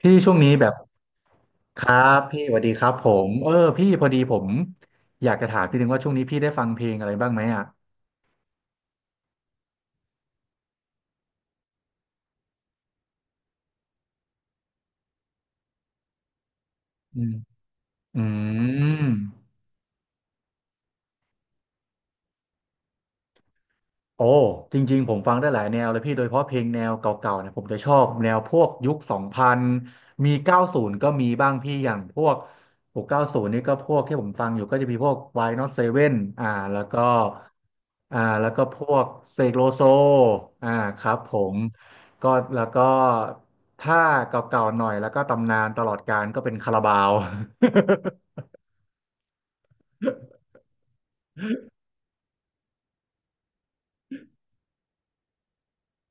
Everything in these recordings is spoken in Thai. พี่ช่วงนี้แบบครับพี่สวัสดีครับผมพี่พอดีผมอยากจะถามพี่นึงว่าช่วงนี้พี่ได้ฟังเพลงอะไรบ้างไหมอ่ะอืมอืม โอ้จริงๆผมฟังได้หลายแนวเลยพี่โดยเฉพาะเพลงแนวเก่าๆเนี่ยผมจะชอบแนวพวกยุคสองพันมีเก้าศูนย์ก็มีบ้างพี่อย่างพวกหกเก้าศูนย์นี่ก็พวกที่ผมฟังอยู่ก็จะมีพวกวานอตเซเว่นอ่าแล้วก็อ่าแล้วก็พวกเสกโลโซอ่าครับผมก็แล้วก็ถ้าเก่าๆหน่อยแล้วก็ตำนานตลอดกาลก็เป็นคาราบาว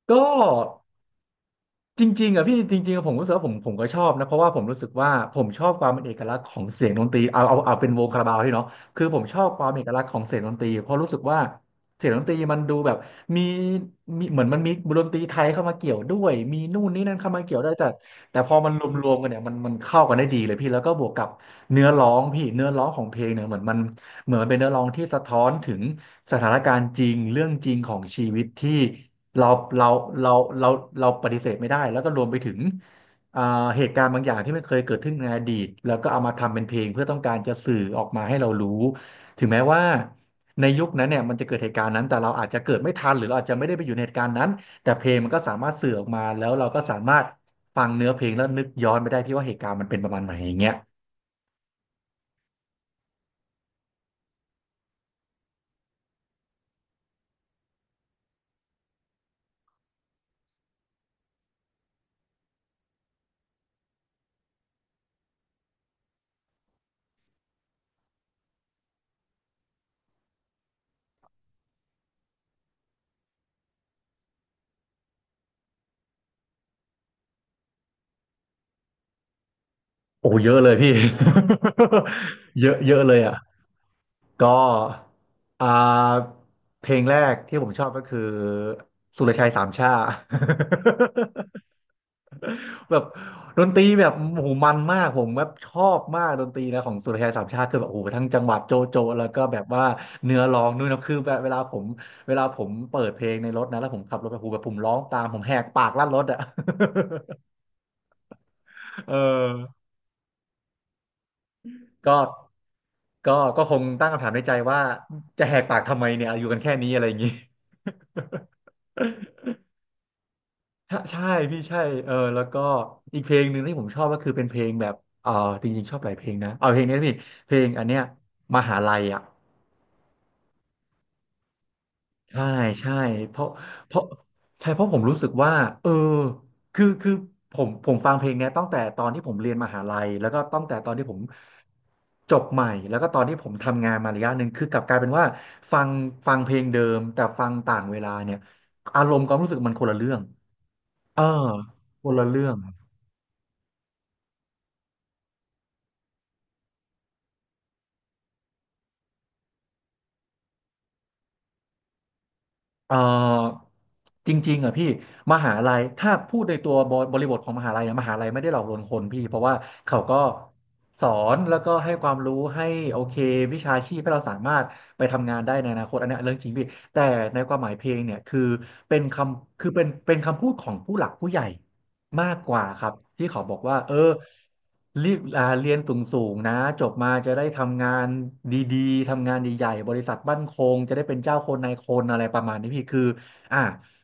ก็ จริงๆอะพี่จริงๆอะผมรู้สึกว่าผมก็ชอบนะเพราะว่าผมรู้สึกว่าผมชอบความเป็นเอกลักษณ์ของเสียงดนตรีเอาเป็นวงคาราบาวที่เนาะคือผมชอบความเอกลักษณ์ของเสียงดนตรีเพราะรู้สึกว่าเสียงดนตรีมันดูแบบมีมีเหมือนมันมีดนตรีไทยเข้ามาเกี่ยวด้วยมีนู่นนี่นั่นเข้ามาเกี่ยวด้วยแต่พอมันรวมๆกันเนี่ยมันเข้ากันได้ดีเลยพี่แล้วก็บวกกับเนื้อร้องพี่เนื้อร้องของเพลงเนี่ยเหมือนมัน เหมือนมันเป็นเนื้อร้องที่สะท้อนถึงสถานการณ์จริงเรื่องจริงของชีวิตที่เราเราเราเราเราปฏิเสธไม่ได้แล้วก็รวมไปถึงอ่าเหตุการณ์บางอย่างที่มันเคยเกิดขึ้นในอดีตแล้วก็เอามาทำเป็นเพลงเพื่อต้องการจะสื่อออกมาให้เรารู้ถึงแม้ว่าในยุคนั้นเนี่ยมันจะเกิดเหตุการณ์นั้นแต่เราอาจจะเกิดไม่ทันหรือเราอาจจะไม่ได้ไปอยู่ในเหตุการณ์นั้นแต่เพลงมันก็สามารถสื่อออกมาแล้วเราก็สามารถฟังเนื้อเพลงแล้วนึกย้อนไปได้ที่ว่าเหตุการณ์มันเป็นประมาณไหนอย่างเงี้ย โอ้เยอะเลยพี่ เยอะเยอะเลยอ่ะก็อ่าเพลงแรกที่ผมชอบก็คือสุรชัยสามช่า แบบดนตรีแบบโอ้โหมันมากผมแบบชอบมากดนตรีนะของสุรชัยสามช่าคือแบบโอ้โหทั้งจังหวัดโจโจแล้วก็แบบว่าเนื้อร้องนู่นนะคือแบบเวลาผมเปิดเพลงในรถนะแล้วผมขับรถไปโอ้โหูแบบผมร้องตามผมแหกปากลั่นรถอ่ะ เออ ก็ก็คงตั้งคำถามในใจว่าจะแหกปากทำไมเนี่ยอยู่กันแค่นี้อะไรอย่างนี้ ใช่ใช่พี่ใช่เออแล้วก็อีกเพลงหนึ่งที่ผมชอบก็คือเป็นเพลงแบบเออจริงๆชอบหลายเพลงนะเอาเพลงนี้นะพี่เพลงอันเนี้ยมหาลัยอ่ะ ใช่ใช่เพราะเพราะใช่เพราะผมรู้สึกว่าเออคือผมฟังเพลงเนี้ยตั้งแต่ตอนที่ผมเรียนมหาลัยแล้วก็ตั้งแต่ตอนที่ผมจบใหม่แล้วก็ตอนที่ผมทำงานมาระยะหนึ่งคือกลับกลายเป็นว่าฟังฟังเพลงเดิมแต่ฟังต่างเวลาเนี่ยอารมณ์ความรู้สึกมันคนละเรื่องเออคนละเรื่อง เอ่อจริงๆอ่ะพี่มหาลัยถ้าพูดในตัวบบริบทของมหาลัยอะมหาลัยไม่ได้หลอกลวงคนพี่เพราะว่าเขาก็สอนแล้วก็ให้ความรู้ให้โอเควิชาชีพให้เราสามารถไปทำงานได้ในอนาคตอันเนี้ยเรื่องจริงพี่แต่ในความหมายเพลงเนี่ยคือเป็นคำคือเป็นคำพูดของผู้หลักผู้ใหญ่ มากกว่าครับที่เขาบอกว่าเออรีบเรียนสูงๆนะจบมาจะได้ทำงานดีๆทำงานใหญ่ๆบริษัทมั่นคงจะได้เป็นเจ้าคนนายคนอะไรประมาณนี้พี่คืออ่า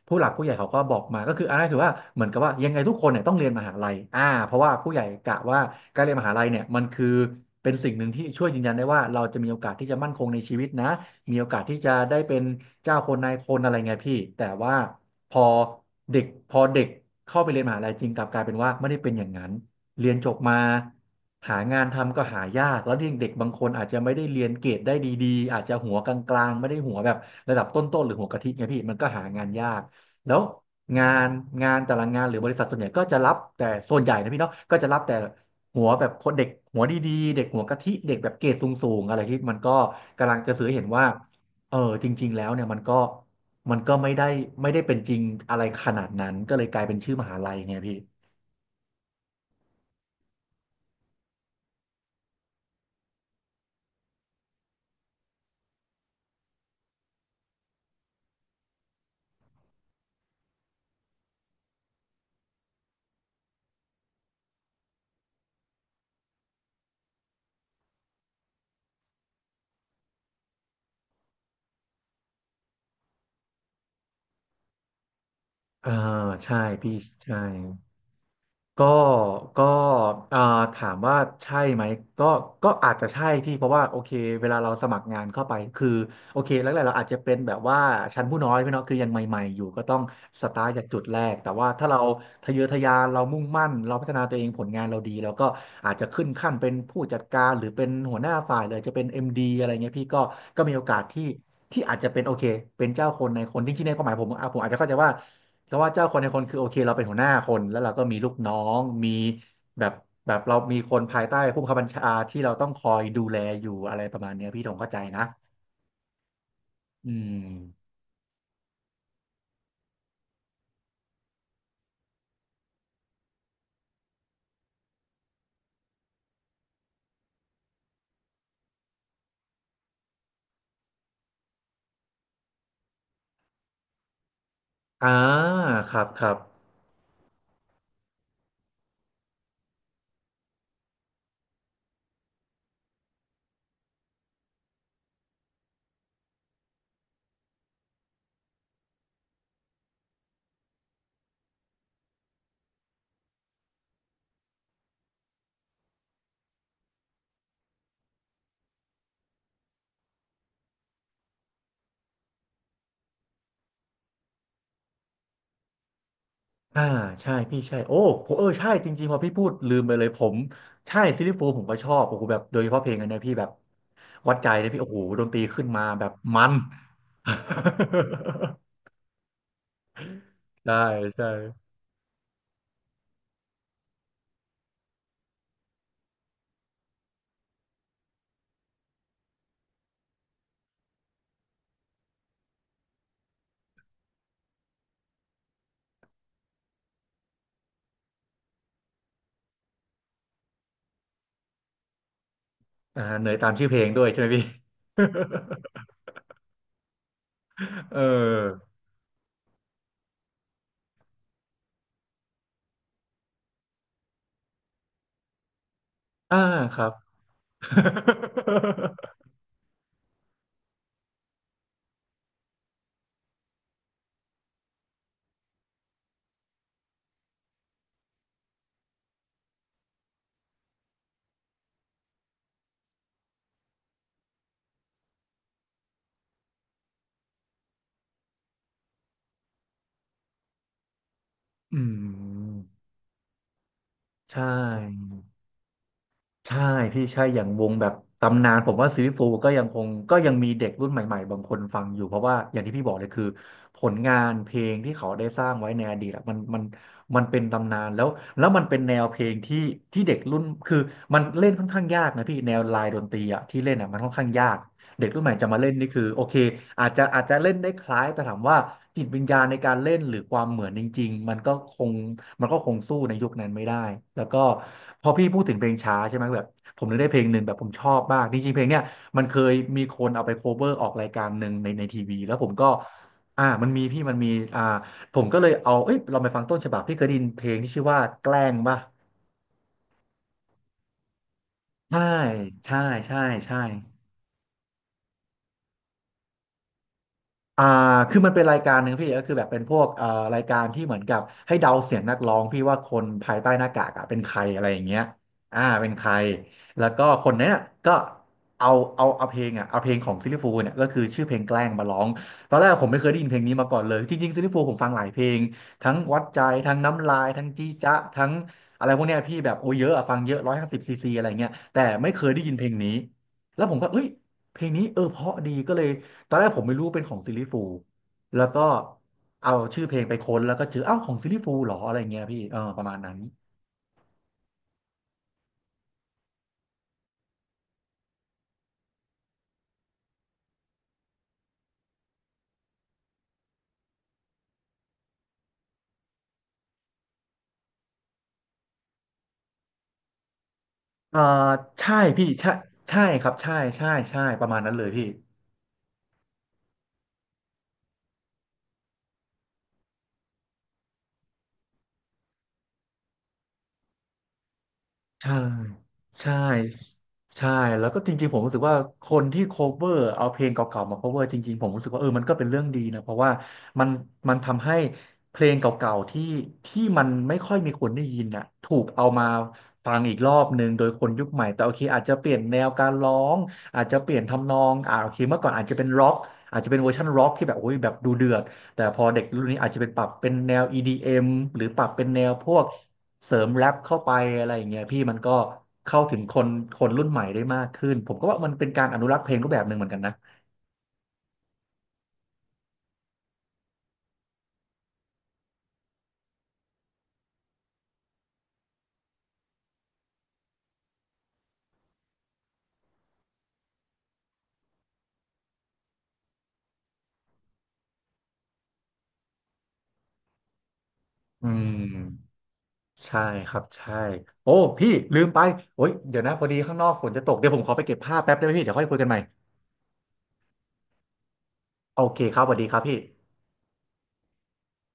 ผู้หลักผู้ใหญ่เขาก็บอกมาก็คืออันนั้นคือว่าเหมือนกับว่ายังไงทุกคนเนี่ยต้องเรียนมหาลัยเพราะว่าผู้ใหญ่กะว่าการเรียนมหาลัยเนี่ยมันคือเป็นสิ่งหนึ่งที่ช่วยยืนยันได้ว่าเราจะมีโอกาสที่จะมั่นคงในชีวิตนะมีโอกาสที่จะได้เป็นเจ้าคนนายคนอะไรเงี้ยพี่แต่ว่า พอเด็กเข้าไปเรียนมหาลัยจริงกลับกลายเป็นว่าไม่ได้เป็นอย่างนั้นเรียนจบมาหางานทำก็หายากแล้วเด็กเด็กบางคนอาจจะไม่ได้เรียนเกรดได้ดีๆอาจจะหัวกลางๆไม่ได้หัวแบบระดับต้นๆหรือหัวกะทิไงพี่มันก็หางานยากแล้วงานแต่ละงานหรือบริษัทส่วนใหญ่ก็จะรับแต่ส่วนใหญ่นะพี่เนาะก็จะรับแต่หัวแบบคนเด็กหัวดีๆเด็กหัวกะทิเด็กแบบเกรดสูงๆอะไรที่มันก็กำลังจะสื่อให้เห็นว่า เออจริงๆแล้วเนี่ยมันก็ไม่ได้เป็นจริงอะไรขนาดนั้นก็เลยกลายเป็นชื่อมหาลัยไงพี่เออใช่พี่ใช่ ก็ก็เอ่อถามว่าใช่ไหมก็ก็อาจจะใช่พี่เพราะว่าโอเคเวลาเราสมัครงานเข้าไปคือโอเคแรกๆเราอาจจะเป็นแบบว่าชั้นผู้น้อยพี่เนาะคือยังใหม่ๆอยู่ก็ต้องสตาร์ทจากจุดแรกแต่ว่าถ้าเราทะเยอทะยานเรามุ่งมั่นเราพัฒนาตัวเองผลงานเราดีเราก็อาจจะขึ้นขั้นเป็นผู้จัดการหรือเป็นหัวหน้าฝ่ายเลยจะเป็นเอ็มดีอะไรเงี้ยพี่ก็มีโอกาสที่อาจจะเป็นโอเคเป็นเจ้าคนในคนจริงๆในความหมายผมอ่ะผมอาจจะเข้าใจว่า ก็ว่าเจ้าคนในคนคือโอเคเราเป็นหัวหน้าคนแล้วเราก็มีลูกน้องมีแบบแบบเรามีคนภายใต้ผู้บังคับบัญชาที่เราต้องคอยดูแลอยู่อะไรประมาณเนี้ยพี่ธงเข้าใจนะอืมอ่าครับอ่าใช่พี่ใช่โอ้ผมเออใช่จริงๆพอพี่พูดลืมไปเลยผมใช่ซิลลี่ฟูลส์ผมก็ชอบโอ้โหแบบโดยเฉพาะเพลงอันเนี้ยพี่แบบวัดใจเลยพี่โอ้โหดนตรีขึ้นมาแบบมัน ใช่ใช่อ่าเหนื่อยตามชื่อเพลงด้วยใช่ไหมพี่ เออ อ่าครับ อืมใช่ใช่พี่ใช่อย่างวงแบบตำนานผมว่าซีรีส์ฟูก็ยังคงก็ยังมีเด็กรุ่นใหม่ๆบางคนฟังอยู่เพราะว่าอย่างที่พี่บอกเลยคือผลงานเพลงที่เขาได้สร้างไว้ในอดีตอะมันมันเป็นตำนานแล้วแล้วมันเป็นแนวเพลงที่เด็กรุ่นคือมันเล่นค่อนข้างยากนะพี่แนวลายดนตรีอะที่เล่นอะมันค่อนข้างยาก เด็กรุ่นใหม่จะมาเล่นนี่คือโอเคอาจจะเล่นได้คล้ายแต่ถามว่าจิตวิญญาณในการเล่นหรือความเหมือนจริงๆมันก็คงสู้ในยุคนั้นไม่ได้แล้วก็พอพี่พูดถึงเพลงช้าใช่ไหมแบบผมนึกได้เพลงหนึ่งแบบผมชอบมากจริงๆเพลงเนี้ยมันเคยมีคนเอาไปโคเวอร์ออกรายการหนึ่งในทีวีแล้วผมก็อ่ามันมีพี่มันมีอ่าผมก็เลยเอาเอ้ยเราไปฟังต้นฉบับพี่เคยได้ยินเพลงที่ชื่อว่าแกล้งป่ะใช่ใช่ใช่ใช่ อ่าคือมันเป็นรายการหนึ่งพี่ก็คือแบบเป็นพวกเอ่อรายการที่เหมือนกับให้เดาเสียงนักร้องพี่ว่าคนภายใต้หน้ากากอะเป็นใครอะไรอย่างเงี้ยอ่าเป็นใครแล้วก็คนเนี้ยก็เอาเอาเพลงอ่ะเอาเพลงของซิลลี่ฟูลส์เนี่ยก็คือชื่อเพลงแกล้งมาร้องตอนแรกผมไม่เคยได้ยินเพลงนี้มาก่อนเลยจริงๆซิลลี่ฟูลส์ผมฟังหลายเพลงทั้งวัดใจทั้งน้ำลายทั้งจี้จ๊ะทั้งอะไรพวกเนี้ยพี่แบบโอ้เยอะอะฟังเยอะ150 ซีซีอะไรเงี้ยแต่ไม่เคยได้ยินเพลงนี้แล้วผมก็เอ้ยเพลงนี้เออเพราะดีก็เลย ตอนแรกผมไม่รู้เป็นของซิลลี่ฟูลส์แล้วก็เอาชื่อเพลงไปค้นแล้วก็เจออ้าวของซิลลี่ฟูลส์เหรออะไรเงี้ยพี่เออประมาณนั้นเออใช่พี่ใช่ครับใช่ใช่ประมาณนั้นเลยพี่ ใช่ใช่ใช่แล้วก็จริงๆผมรู้สึกว่าคนที่ cover เอาเพลงเก่าๆมา cover จริงๆผมรู้สึกว่าเออมันก็เป็นเรื่องดีนะเพราะว่ามันมันทำให้เพลงเก่าๆที่มันไม่ค่อยมีคนได้ยินน่ะถูกเอามาฟังอีกรอบหนึ่งโดยคนยุคใหม่แต่โอเคอาจจะเปลี่ยนแนวการร้องอาจจะเปลี่ยนทำนองอ่าโอเคเมื่อก่อนอาจจะเป็นร็อกอาจจะเป็นเวอร์ชันร็อกที่แบบโอ้ยแบบดูเดือดแต่พอเด็กรุ่นนี้อาจจะเป็นปรับเป็นแนว EDM หรือปรับเป็นแนวพวก เสริมแรปเข้าไปอะไรอย่างเงี้ยพี่มันก็เข้าถึงคนรุ่นใหม่ได้มากขึ้นผมก็ว่ามันเป็นการอนุรักษ์เพลงรูปแบบหนึ่งเหมือนกันนะอืมใช่ครับใช่โอ้พี่ลืมไปโอ้ยเดี๋ยวนะพอดีข้างนอกฝนจะตกเดี๋ยวผมขอไปเก็บผ้าแป๊บได้ไหมพี่เดี๋ยวค่อยคุยกันใหม่โอเคครับสวัสดีครับพี่